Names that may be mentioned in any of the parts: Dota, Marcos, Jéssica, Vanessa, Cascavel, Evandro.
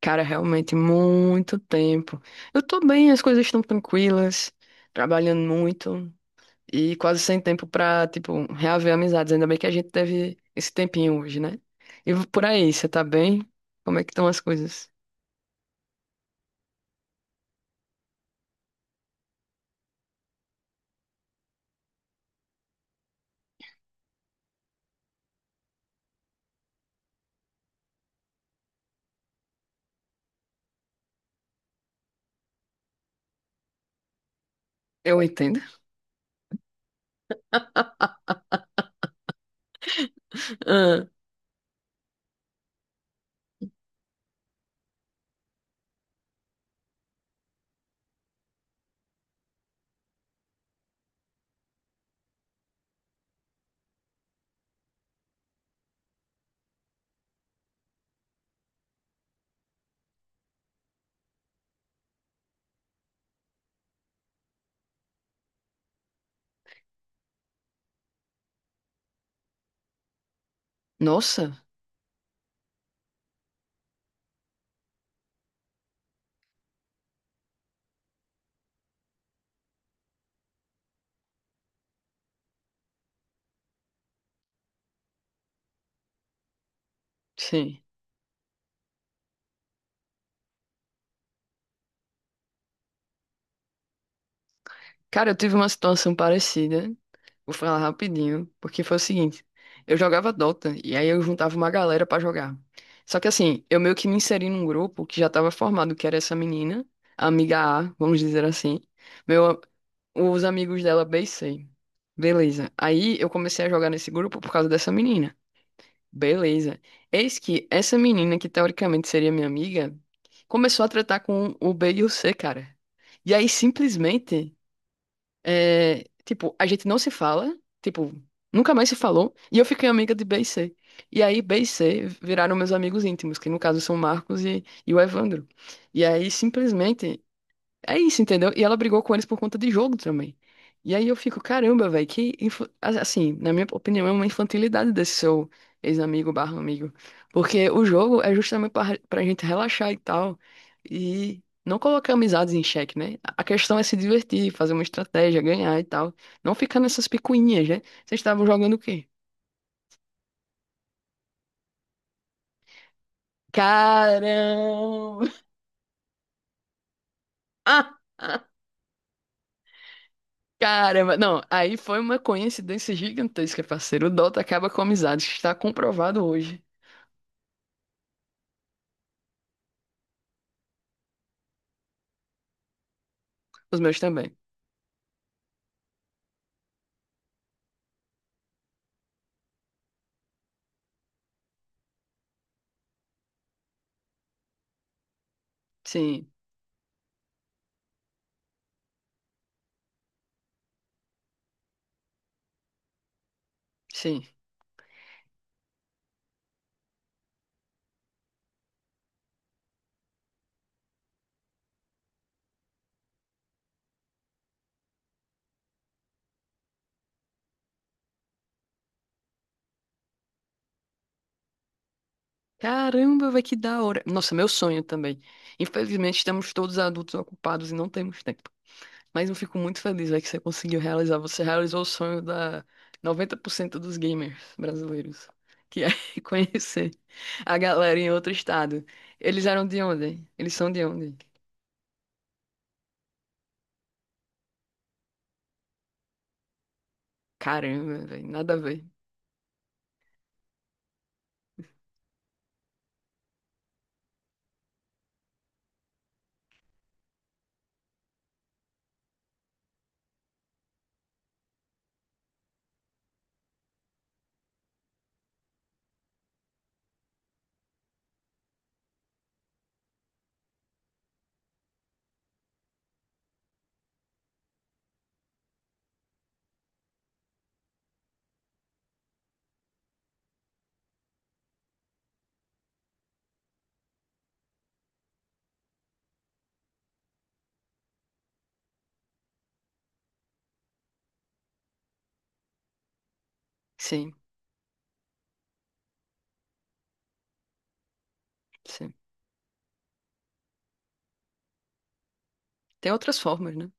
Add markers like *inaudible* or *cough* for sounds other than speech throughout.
Cara, realmente muito tempo. Eu tô bem, as coisas estão tranquilas, trabalhando muito e quase sem tempo pra, tipo, reaver amizades. Ainda bem que a gente teve esse tempinho hoje, né? E por aí, você tá bem? Como é que estão as coisas? Eu entendo. *laughs* Ah, nossa, sim. Cara, eu tive uma situação parecida. Vou falar rapidinho, porque foi o seguinte: eu jogava Dota e aí eu juntava uma galera pra jogar. Só que assim, eu meio que me inseri num grupo que já tava formado, que era essa menina, a amiga A, vamos dizer assim, meu, os amigos dela B e C. Beleza. Aí eu comecei a jogar nesse grupo por causa dessa menina. Beleza. Eis que essa menina, que teoricamente seria minha amiga, começou a tratar com o B e o C, cara. E aí simplesmente. É, tipo, a gente não se fala, tipo, nunca mais se falou, e eu fiquei amiga de B e C. E aí B e C viraram meus amigos íntimos, que no caso são o Marcos e o Evandro. E aí simplesmente é isso, entendeu? E ela brigou com eles por conta de jogo também. E aí eu fico, caramba, velho, assim, na minha opinião, é uma infantilidade desse seu ex-amigo barra amigo. Porque o jogo é justamente pra gente relaxar e tal. E não colocar amizades em xeque, né? A questão é se divertir, fazer uma estratégia, ganhar e tal. Não ficar nessas picuinhas, né? Vocês estavam jogando o quê? Caramba! *laughs* Caramba, não, aí foi uma coincidência gigantesca, parceiro. O Dota acaba com amizades, está comprovado hoje. Os meus também. Sim, sim. Caramba, vai que da hora. Nossa, meu sonho também. Infelizmente, estamos todos adultos ocupados e não temos tempo. Mas eu fico muito feliz, véi, que você conseguiu realizar. Você realizou o sonho da 90% dos gamers brasileiros, que é *laughs* conhecer a galera em outro estado. Eles eram de onde? Eles são de onde? Caramba, velho, nada a ver. Sim. Sim. Tem outras formas, né?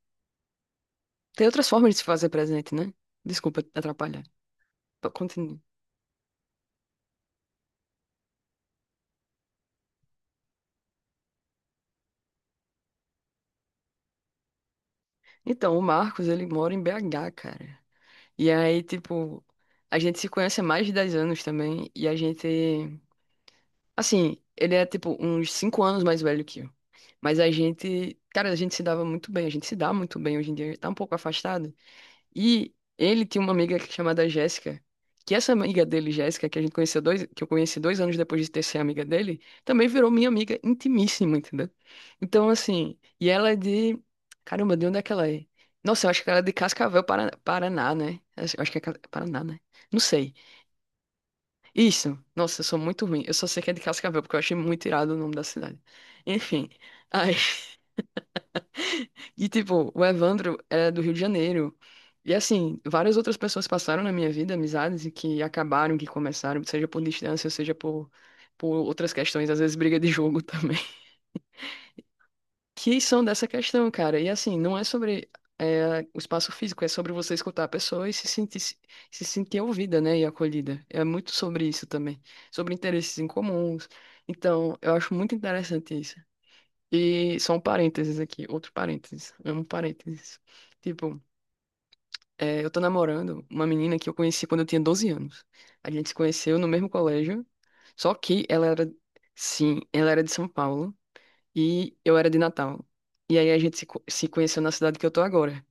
Tem outras formas de se fazer presente, né? Desculpa atrapalhar. Continue. Então, o Marcos, ele mora em BH, cara. E aí, tipo, a gente se conhece há mais de 10 anos também. E a gente, assim, ele é, tipo, uns 5 anos mais velho que eu. Mas a gente, cara, a gente se dava muito bem. A gente se dá muito bem hoje em dia. Tá um pouco afastado. E ele tinha uma amiga chamada Jéssica, que essa amiga dele, Jéssica, que a gente conheceu dois, que eu conheci 2 anos depois de ter sido amiga dele, também virou minha amiga intimíssima, entendeu? Então, assim, e ela é de. Caramba, de onde é que ela é? Nossa, eu acho que ela é de Cascavel, Paraná, Paraná, né? Eu acho que é Paraná, né? Não sei. Isso. Nossa, eu sou muito ruim. Eu só sei que é de Cascavel, porque eu achei muito irado o nome da cidade. Enfim. Aí. E, tipo, o Evandro é do Rio de Janeiro. E, assim, várias outras pessoas passaram na minha vida, amizades, e que acabaram, que começaram, seja por distância, seja por outras questões, às vezes briga de jogo *laughs* também, que são dessa questão, cara. E, assim, não é sobre o espaço físico, é sobre você escutar a pessoa e se sentir ouvida, né, e acolhida. É muito sobre isso também, sobre interesses em comuns. Então, eu acho muito interessante isso. E só um parênteses aqui, outro parênteses, amo parênteses. Tipo, eu tô namorando uma menina que eu conheci quando eu tinha 12 anos. A gente se conheceu no mesmo colégio, só que ela era, sim, ela era de São Paulo e eu era de Natal. E aí a gente se conheceu na cidade que eu tô agora.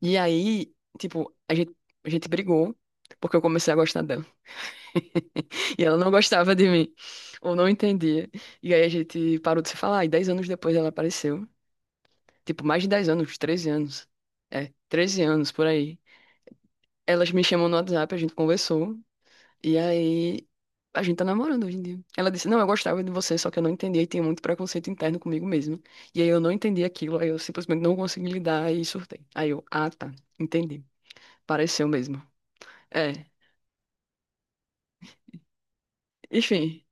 E aí, tipo, a gente brigou porque eu comecei a gostar dela. *laughs* E ela não gostava de mim, ou não entendia. E aí a gente parou de se falar, e 10 anos depois ela apareceu. Tipo, mais de 10 anos, 13 anos. 13 anos por aí. Elas me chamam no WhatsApp, a gente conversou. E aí, a gente tá namorando hoje em dia. Ela disse, não, eu gostava de você, só que eu não entendia e tinha muito preconceito interno comigo mesmo. E aí eu não entendi aquilo, aí eu simplesmente não consegui lidar e surtei. Aí eu, ah, tá, entendi. Pareceu mesmo. É, enfim.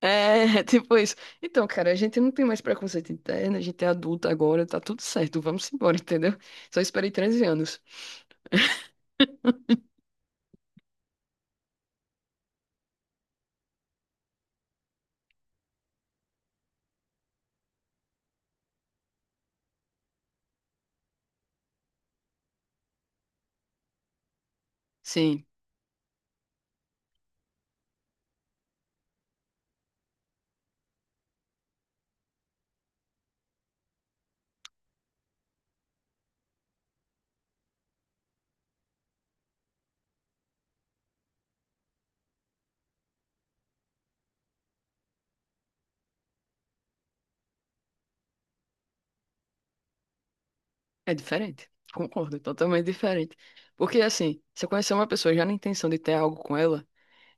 *laughs* Tipo isso. Então, cara, a gente não tem mais preconceito interno, a gente é adulta agora, tá tudo certo, vamos embora, *laughs* entendeu? Só esperei 13 anos. Sim, é diferente. Concordo, é totalmente diferente. Porque, assim, você conhecer uma pessoa já na intenção de ter algo com ela,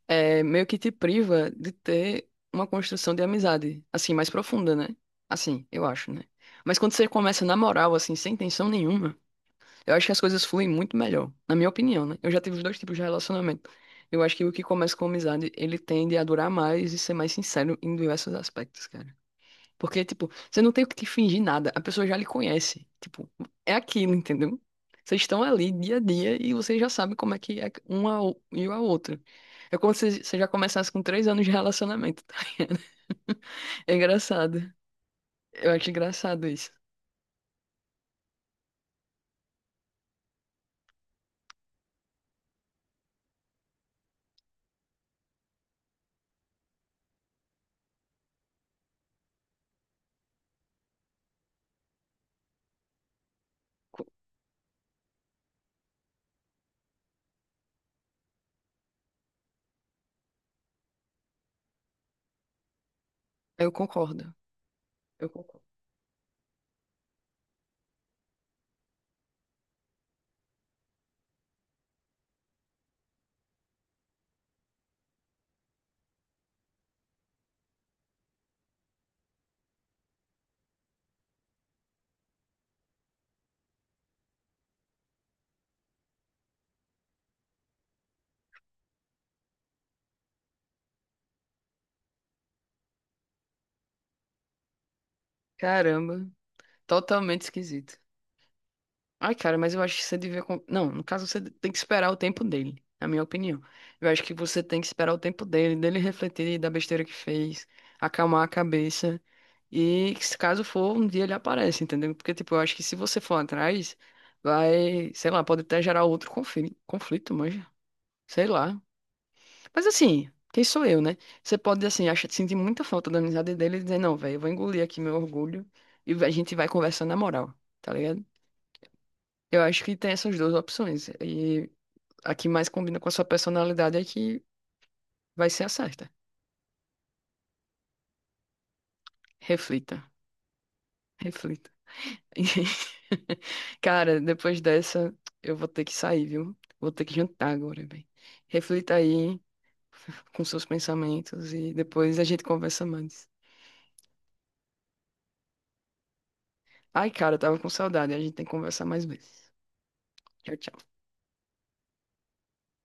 meio que te priva de ter uma construção de amizade, assim, mais profunda, né? Assim, eu acho, né? Mas quando você começa na moral, assim, sem intenção nenhuma, eu acho que as coisas fluem muito melhor, na minha opinião, né? Eu já tive os dois tipos de relacionamento. Eu acho que o que começa com amizade, ele tende a durar mais e ser mais sincero em diversos aspectos, cara. Porque, tipo, você não tem o que te fingir nada. A pessoa já lhe conhece. Tipo, é aquilo, entendeu? Vocês estão ali dia a dia e você já sabe como é que é uma e a outra. É como se você já começasse com 3 anos de relacionamento, tá ligado? *laughs* É engraçado. Eu acho engraçado isso. Co- Eu concordo. Eu concordo. Caramba, totalmente esquisito. Ai, cara, mas eu acho que você devia. Não, no caso você tem que esperar o tempo dele, na minha opinião. Eu acho que você tem que esperar o tempo dele, dele refletir da besteira que fez, acalmar a cabeça. E que se caso for, um dia ele aparece, entendeu? Porque, tipo, eu acho que se você for atrás, vai, sei lá, pode até gerar outro conflito, conflito, manja. Sei lá. Mas assim, quem sou eu, né? Você pode, assim, acha, sentir muita falta da amizade dele e dizer, não, velho, eu vou engolir aqui meu orgulho e a gente vai conversar na moral, tá ligado? Eu acho que tem essas duas opções. E a que mais combina com a sua personalidade é que vai ser a certa. Reflita, reflita. *laughs* E, cara, depois dessa, eu vou ter que sair, viu? Vou ter que jantar agora, bem. Reflita aí com seus pensamentos e depois a gente conversa mais. Ai, cara, eu tava com saudade. A gente tem que conversar mais vezes. Tchau, tchau.